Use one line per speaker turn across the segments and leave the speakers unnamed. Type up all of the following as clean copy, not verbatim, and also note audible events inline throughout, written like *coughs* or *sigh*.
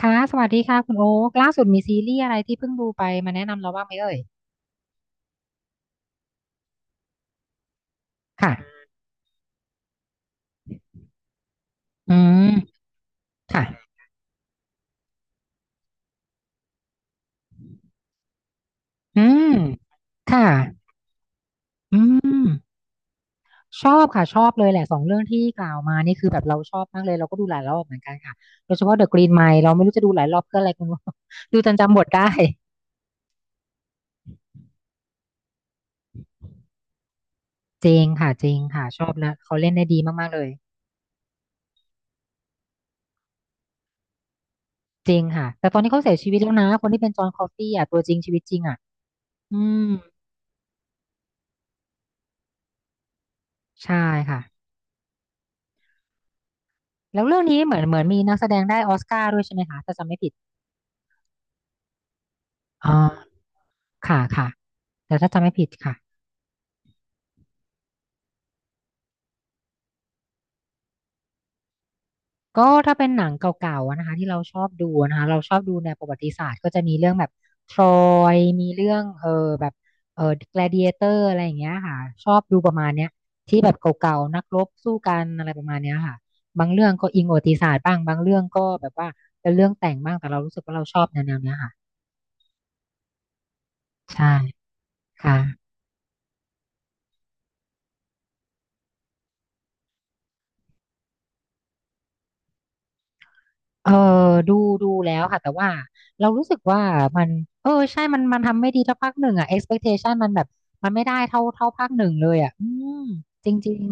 ค่ะสวัสดีค่ะคุณโอ๊คล่าสุดมีซีรีส์อะไรที่เพิ่งดูไปมาแนะนำเราบ้างไหมเอ่ยค่ะอืมค่ะอืมค่ะอืมชอบค่ะชอบเลยแหละสองเรื่องที่กล่าวมานี่คือแบบเราชอบมากเลยเราก็ดูหลายรอบเหมือนกันค่ะโดยเฉพาะ The Green Mile เราไม่รู้จะดูหลายรอบเพื่ออะไรคุณโอ๊ค *laughs* ดูจนจำบทได้จริงค่ะจริงค่ะชอบแล้วเขาเล่นได้ดีมากๆเลยจริงค่ะแต่ตอนนี้เขาเสียชีวิตแล้วนะคนที่เป็นจอห์นคอฟฟี่อ่ะตัวจริงชีวิตจริงอ่ะอืมใช่ค่ะ แล้วเรื่องนี้เหมือนมีนักแสดงได้ออสการ์ด้วยใช่ไหมคะถ้าจำไม่ผิดอ๋อค่ะค่ะแต่ถ้าจำไม่ผิดค่ะก็ถ้าเป็นหนังเก่าๆอะนะคะที่เราชอบดูนะคะเราชอบดูแนวประวัติศาสตร์ก็จะมีเรื่องแบบทรอยมีเรื่องแบบเออ gladiator อเตอร์อะไรอย่างเงี้ยค่ะชอบดูประมาณเนี้ยที่แบบเก่าๆนักรบสู้กันอะไรประมาณเนี้ยค่ะบางเรื่องก็อิงประวัติศาสตร์บ้างบางเรื่องก็แบบว่าเป็นเรื่องแต่งบ้างแต่เรารู้สึกว่าเราชอบแนวๆเนี้ยค่ะใช่ค่ะ เออดูดูแล้วค่ะแต่ว่าเรารู้สึกว่ามันใช่มันทำไม่ดีเท่าภาคหนึ่งอ่ะ expectation มันแบบมันไม่ได้เท่าภาคหนึ่งเลยอ่ะอืมจริง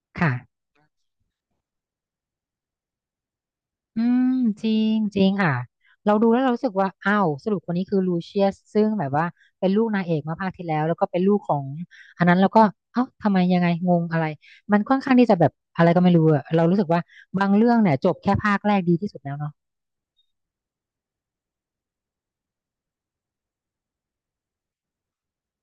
ๆค่ะอืมจริงจริงค่ะเราดูแล้วเรารู้สึกว่าอ้าวสรุปคนนี้คือลูเชียสซึ่งแบบว่าเป็นลูกนางเอกเมื่อภาคที่แล้วแล้วก็เป็นลูกของอันนั้นแล้วก็เอ้าทำไมยังไงงงอะไรมันค่อนข้างที่จะแบบอะไรก็ไม่รู้อะเรารู้สึกว่าบางเรื่องเนี่ยจบแค่ภาคแรกดีที่สุดแล้วเนาะ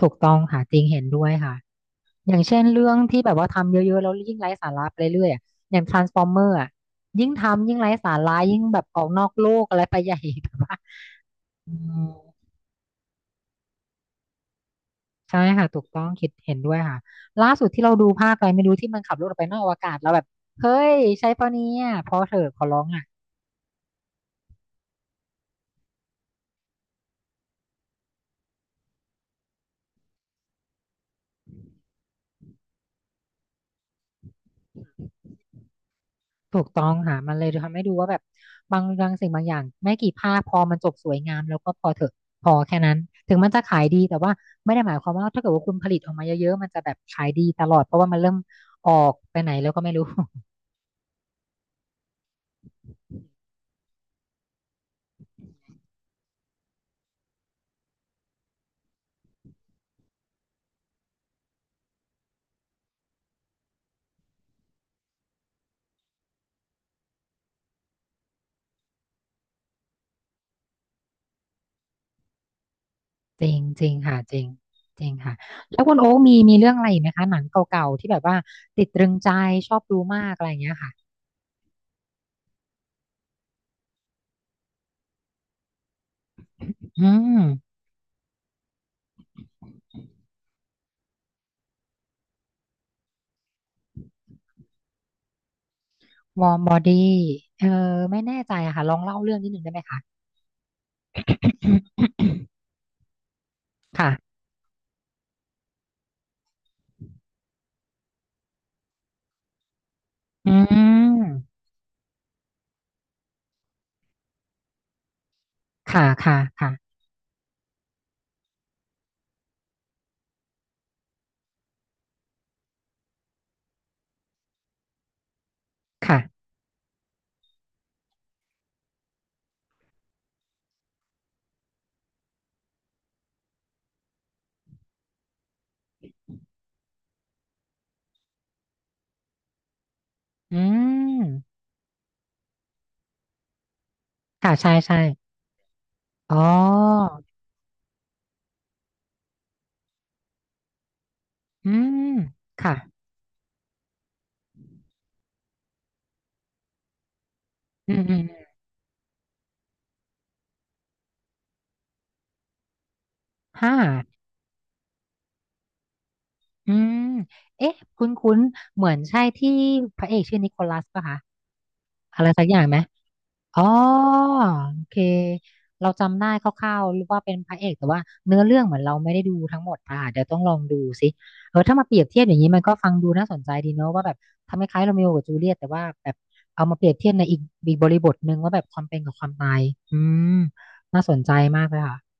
ถูกต้องค่ะจริงเห็นด้วยค่ะ อย่างเช่นเรื่องที่แบบว่าทำเยอะๆแล้วยิ่งไร้สาระไปเรื่อยๆอะอย่าง Transformer อ่ะยิ่งทำยิ่งไร้สาระยิ่งแบบออกนอกโลกอะไรไปใหญ่ *laughs* แบบว่า *laughs* อืมใช่ค่ะถูกต้องคิดเห็นด้วยค่ะล่าสุดที่เราดูภาคอะไรไม่รู้ที่มันขับรถออกไปนอกอวกาศแล้วแบบเฮ้ยใช่ปะเนี่ยพอเถอะขอร้องอ่ะ ถูกต้องค่ะมันเลยทำให้ดูว่าแบบบางสิ่งบางอย่างไม่กี่ภาคพอมันจบสวยงามแล้วก็พอเถอะพอแค่นั้นถึงมันจะขายดีแต่ว่าไม่ได้หมายความว่าถ้าเกิดว่าคุณผลิตออกมาเยอะๆมันจะแบบขายดีตลอดเพราะว่ามันเริ่มออกไปไหนแล้วก็ไม่รู้ *laughs* จริงจริงค่ะจริงจริงค่ะแล้วคุณโอ๊คมีเรื่องอะไรอีกไหมคะหนังเก่าๆที่แบบว่าติดตรึงใจชอบดูมากอะไรอย่างเงี้ยค่ะอืมวอร์มบอดี้เออไม่แน่ใจอะค่ะลองเล่าเรื่องนิดนึงได้ไหมคะ *coughs* ค่ะอืม ค่ะค่ะค่ะค่ะ อืมค่ะใช่ใช่ อ๋อ อืมค่ะ อืมอืมห้าอืมเอ๊ะ คุ้นๆเหมือนใช่ที่พระเอกชื่อนิโคลัสป่ะคะอะไรสักอย่างไหม อ๋อโอเคเราจำได้คร่าวๆว่าเป็นพระเอกแต่ว่าเนื้อเรื่องเหมือนเราไม่ได้ดูทั้งหมดค่ะเดี๋ยวต้องลองดูสิถ้ามาเปรียบเทียบอย่างนี้มันก็ฟังดูน่าสนใจดีเนอะว่าแบบทำคล้ายๆโรเมโอกับจูเลียตแต่ว่าแบบเอามาเปรียบเทียบในอีกบริบทหนึ่งว่าแบบความเป็นกับความตายอืมน่าสนใจมากเลยค่ะ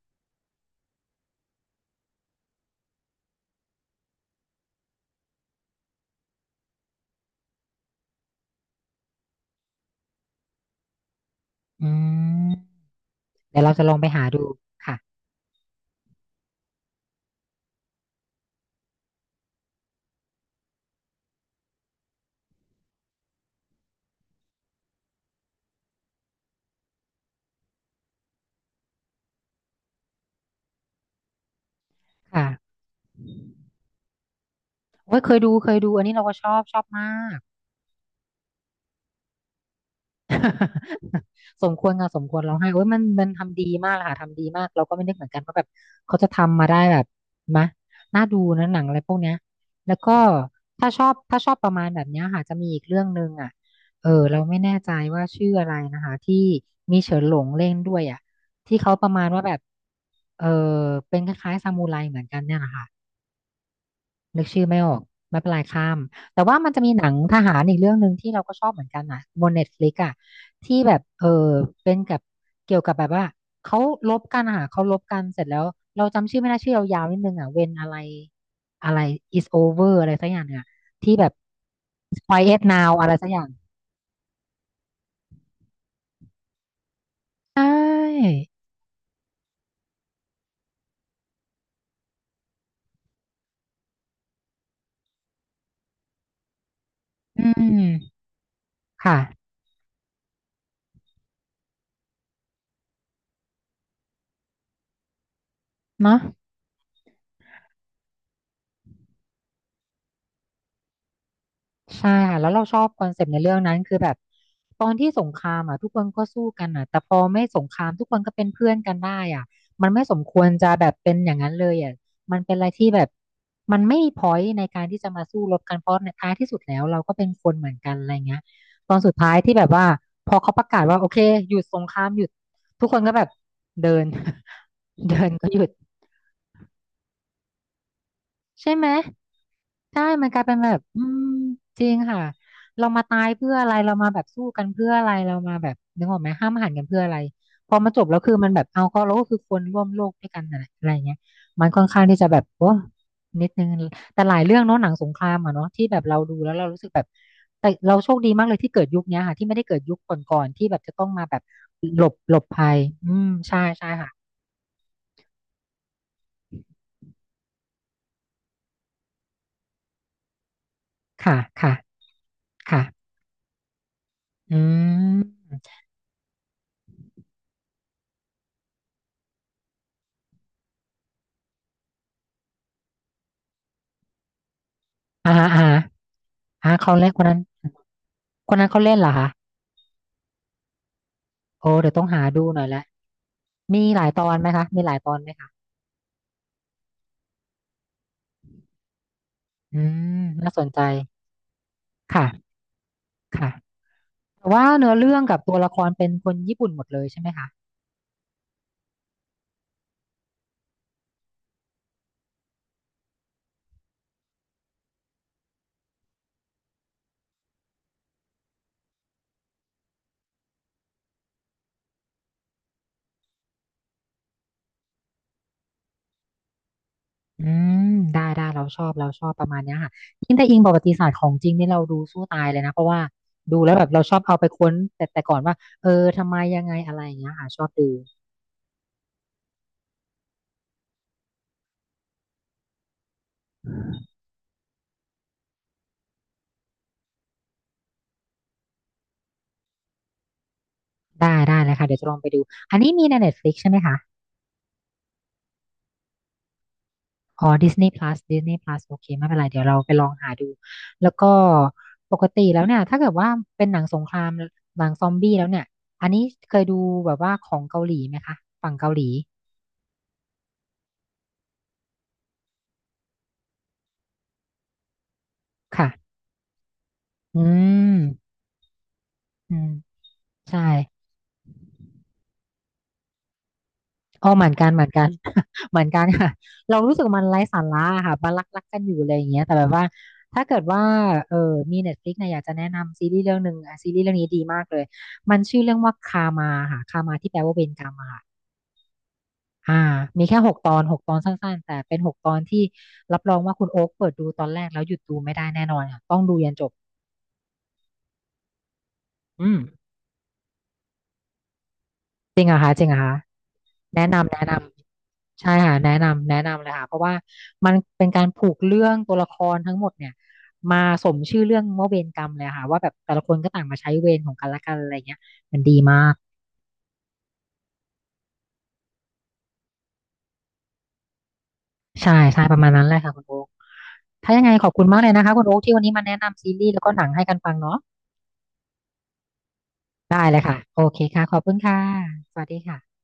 อืมเดี๋ยวเราจะลองไปหาดูค่ะค่ะโอ้ยเคยดูเคยดูอันนี้เราก็ชอบชอบมาก *laughs* สมควรค่ะสมควรร้องไห้โอ้ยมันทำดีมากเลยค่ะทำดีมากเราก็ไม่นึกเหมือนกันว่าแบบเขาจะทำมาได้แบบมะน่าดูนะหนังอะไรพวกเนี้ยแล้วก็ถ้าชอบถ้าชอบประมาณแบบเนี้ยค่ะจะมีอีกเรื่องหนึ่งอ่ะเราไม่แน่ใจว่าชื่ออะไรนะคะที่มีเฉินหลงเล่นด้วยอ่ะที่เขาประมาณว่าแบบเออเป็นคล้ายๆซามูไรเหมือนกันเนี่ยนะคะ นึกชื่อไม่ออกไม่เป็นไรข้ามแต่ว่ามันจะมีหนังทหารอีกเรื่องหนึ่งที่เราก็ชอบเหมือนกันนะบนเน็ตฟลิกอะที่แบบเป็นกับเกี่ยวกับแบบว่าเขาลบกันอะค่ะเขาลบกันเสร็จแล้วเราจำชื่อไม่ได้ชื่อยาวๆนิดนึงอะเวนอะไรอะไร is over อะไรสักอย่างเนี่ยที่แบบ quiet now อะไรสักอย่างใช่อืมค่ะเนาะ ใช่ค่ะแล้วเราชอบคอนเซปต์ในเรื่องนั้นคือแบบตอนที่สงครามอ่ะทุกคนก็สู้กันอ่ะแต่พอไม่สงครามทุกคนก็เป็นเพื่อนกันได้อ่ะมันไม่สมควรจะแบบเป็นอย่างนั้นเลยอ่ะมันเป็นอะไรที่แบบมันไม่มีพอยในการที่จะมาสู้รบกันเพราะในท้ายที่สุดแล้วเราก็เป็นคนเหมือนกันอะไรเงี้ยตอนสุดท้ายที่แบบว่าพอเขาประกาศว่าโอเคหยุดสงครามหยุดทุกคนก็แบบเดิน *laughs* เดินก็หยุด ใช่ไหมใช่มันกลายเป็นแบบอืมจริงค่ะเรามาตายเพื่ออะไรเรามาแบบสู้กันเพื่ออะไรเรามาแบบนึกออกไหมห้ามหันกันเพื่ออะไรพอมาจบแล้วคือมันแบบเอาก็เราก็คือคนร่วมโลกด้วยกันอะไรอะไรเงี้ยมันค่อนข้างที่จะแบบโอ้นิดนึงแต่หลายเรื่องเนาะหนังสงครามอะเนาะที่แบบเราดูแล้วเรารู้สึกแบบแต่เราโชคดีมากเลยที่เกิดยุคเนี้ยค่ะที่ไม่ได้เกิดยุคก่อนๆที่แบบจะต้องมาแบบหลบภัยอืมใช่ใช่ค่ะค่ะค่ะค่ะอืมอ่าฮะอ่าฮะ อ่ะเขาเล่นคนนั้นคนนั้นเขาเล่นเหรอคะโอ้เดี๋ยวต้องหาดูหน่อยละมีหลายตอนไหมคะมีหลายตอนไหมคะอืมน่าสนใจค่ะค่ะแต่ว่าเนื้อเรื่องกับตัวละครเป็นคนญี่ปุ่นหมดเลยใช่ไหมคะอืมได้ได้เราชอบเราชอบประมาณเนี้ยค่ะยิ่งถ้าอิงประวัติศาสตร์ของจริงนี่เราดูสู้ตายเลยนะเพราะว่าดูแล้วแบบเราชอบเอาไปค้นแต่ก่อนว่าเออทำไมยังไงอะไรอย่างเงี้ยค่ะชอบดูได้ได้เลยค่ะเดี๋ยวจะลองไปดูอันนี้มีใน Netflix ใช่ไหมคะ อ๋อ Disney Plus Disney Plus โอเคไม่เป็นไรเดี๋ยวเราไปลองหาดูแล้วก็ปกติแล้วเนี่ยถ้าเกิดว่าเป็นหนังสงครามหนังซอมบี้แล้วเนี่ยอันนี้เคยดูแบบว่าของเกาหลีไหมคะฝั่งเกาหลีค่ะอืมอืมใช่อ๋อเหมือนกันเหมือนกัน *laughs* เหมือนกันค่ะเรารู้สึกมันไร้สาระค่ะบารักกันอยู่อะไรอย่างเงี้ยแต่แบบว่าถ้าเกิดว่าเออมี Netflix เนี่ยอยากจะแนะนำซีรีส์เรื่องหนึ่งอ่ะซีรีส์เรื่องนี้ดีมากเลยมันชื่อเรื่องว่าคามาค่ะคามาที่แปลว่าเวรกรรมอะค่ะ อ่ามีแค่หกตอนหกตอนสั้นๆแต่เป็นหกตอนที่รับรองว่าคุณโอ๊คเปิดดูตอนแรกแล้วหยุดดูไม่ได้แน่นอนค่ะต้องดูยันจบอืมแนะนำใช่ค่ะแนะนำเลยค่ะเพราะว่ามันเป็นการผูกเรื่องตัวละครทั้งหมดเนี่ยมาสมชื่อเรื่องว่าเวรกรรมเลยค่ะว่าแบบแต่ละคนก็ต่างมาใช้เวรของกันและกันอะไรเงี้ยมันดีมาก ใช่ใช่ประมาณนั้นแหละค่ะคุณโอ๊คถ้ายังไงขอบคุณมากเลยนะคะคุณโอ๊คที่วันนี้มาแนะนำซีรีส์แล้วก็หนังให้กันฟังเนาะได้เลยค่ะโอเคค่ะขอบคุณค่ะสวัสดีค่ะ